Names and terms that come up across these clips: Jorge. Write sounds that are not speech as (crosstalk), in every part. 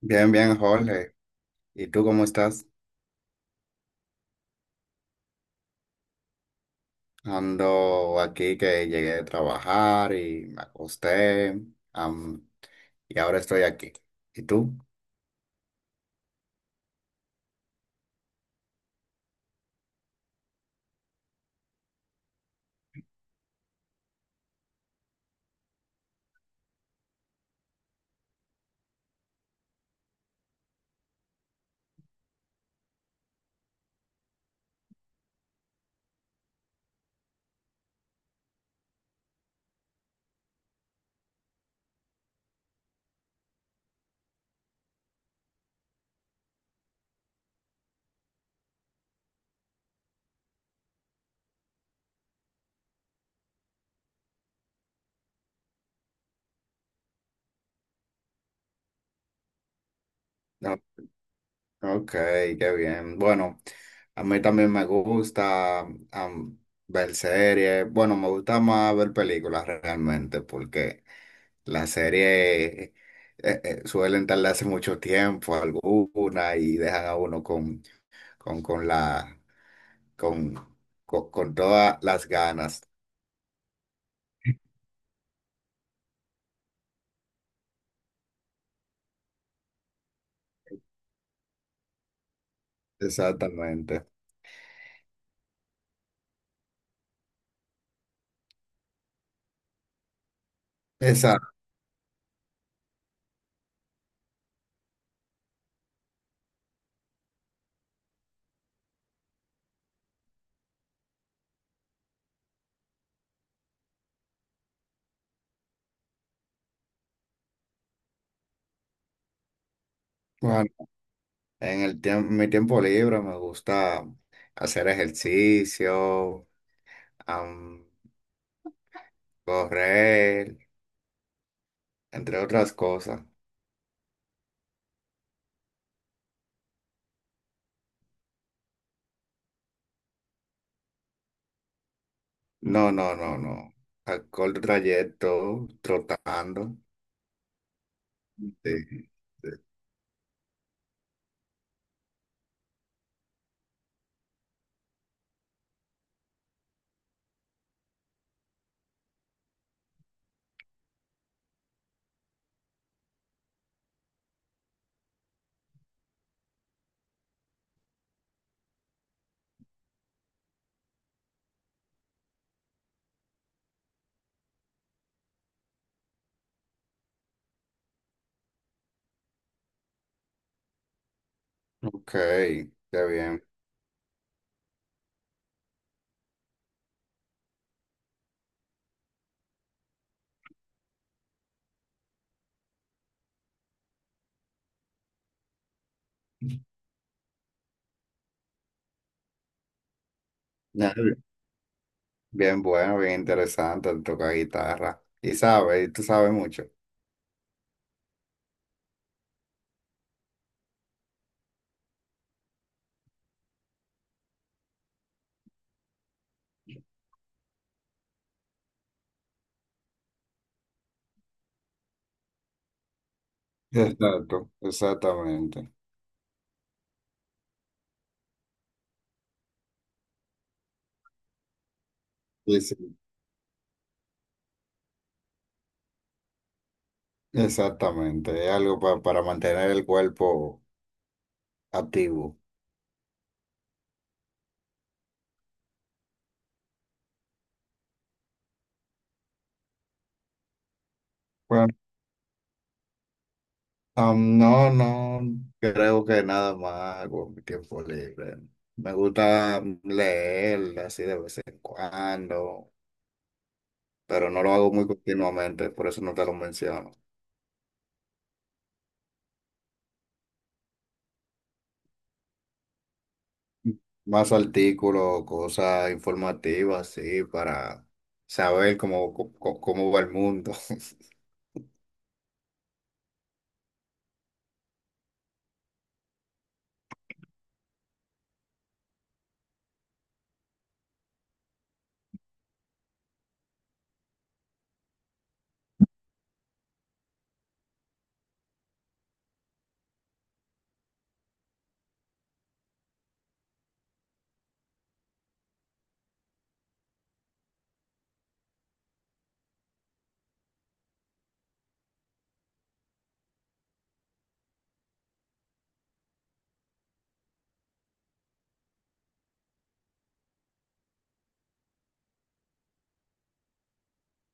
Bien, bien, Jorge. ¿Y tú cómo estás? Ando aquí que llegué de trabajar y me acosté, am, y ahora estoy aquí. ¿Y tú? No. Ok, qué bien. Bueno, a mí también me gusta am, ver series. Bueno, me gusta más ver películas realmente porque las series suelen tardarse mucho tiempo alguna y dejan a uno con la... con, co- con todas las ganas. Exactamente. Exacto. Bueno, en el mi tiempo libre me gusta hacer ejercicio, am, correr, entre otras cosas. No, no, no, no. A corto trayecto, trotando. Sí. Sí. Ok, qué bien. Ya, bien, bien, bueno, bien interesante, toca guitarra. Y sabe y tú sabes mucho. Exacto, exactamente. Sí, sí. Exactamente, es algo para mantener el cuerpo activo. Bueno, no, no, creo que nada más con mi tiempo libre. Me gusta leer así de vez en cuando, pero no lo hago muy continuamente, por eso no te lo menciono. Más artículos, cosas informativas, sí, para saber cómo va el mundo. (laughs)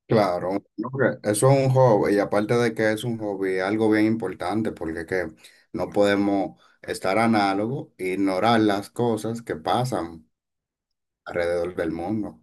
Claro, no, que eso es un hobby y aparte de que es un hobby, algo bien importante porque que no podemos estar análogo e ignorar las cosas que pasan alrededor del mundo.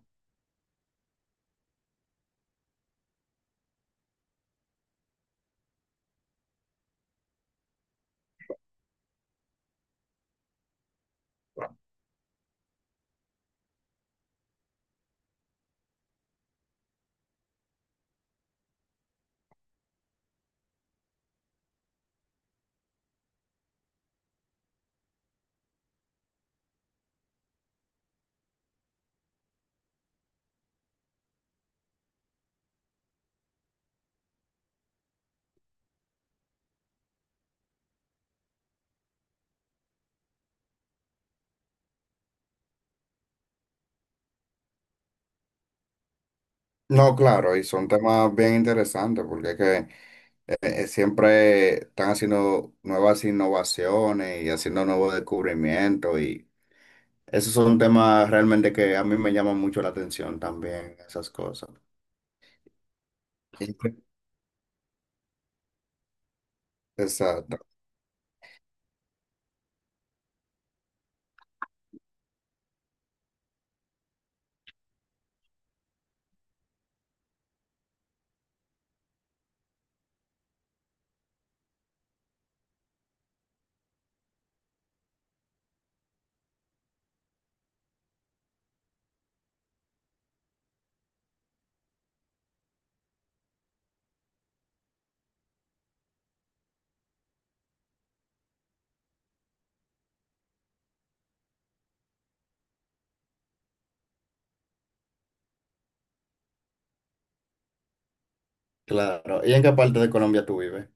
No, claro, y son temas bien interesantes porque que siempre están haciendo nuevas innovaciones y haciendo nuevos descubrimientos y esos son temas realmente que a mí me llaman mucho la atención también, esas cosas. ¿Y en qué- Exacto, claro. ¿Y en qué parte de Colombia tú vives?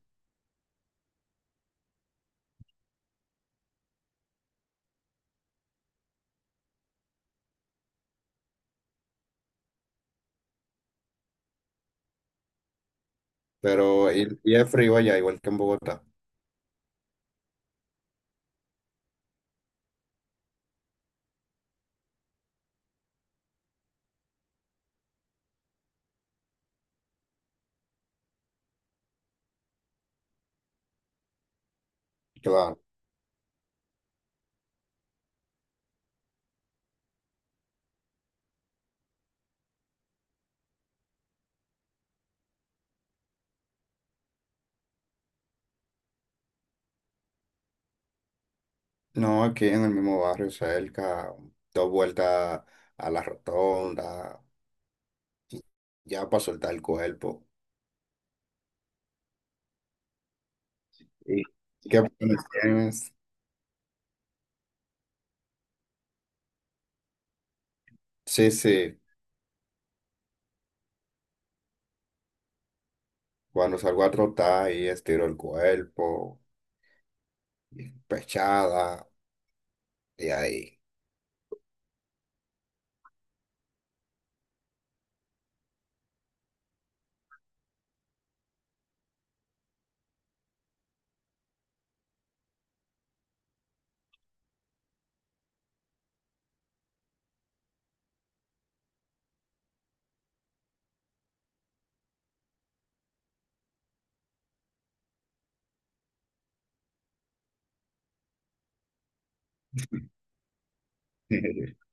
Pero, y es frío allá, igual que en Bogotá. Claro. No, aquí en el mismo barrio, cerca, dos vueltas a la rotonda, y ya para soltar el cuerpo. Sí. ¿Qué planes tienes? Sí, sí, cuando salgo a trotar y estiro el cuerpo, y pechada, y ahí. (laughs)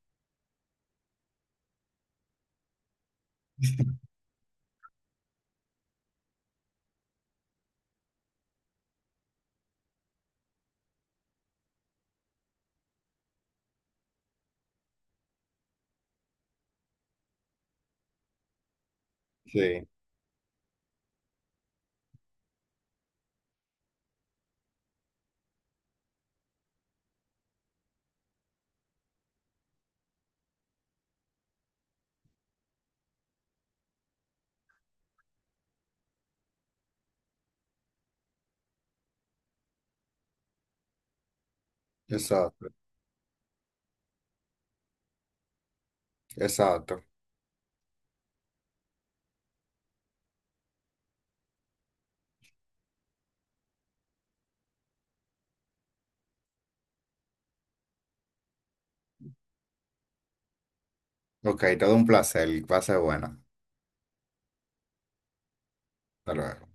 Sí, exacto, exacto. Ok, todo un placer, va a ser buena. Hasta luego.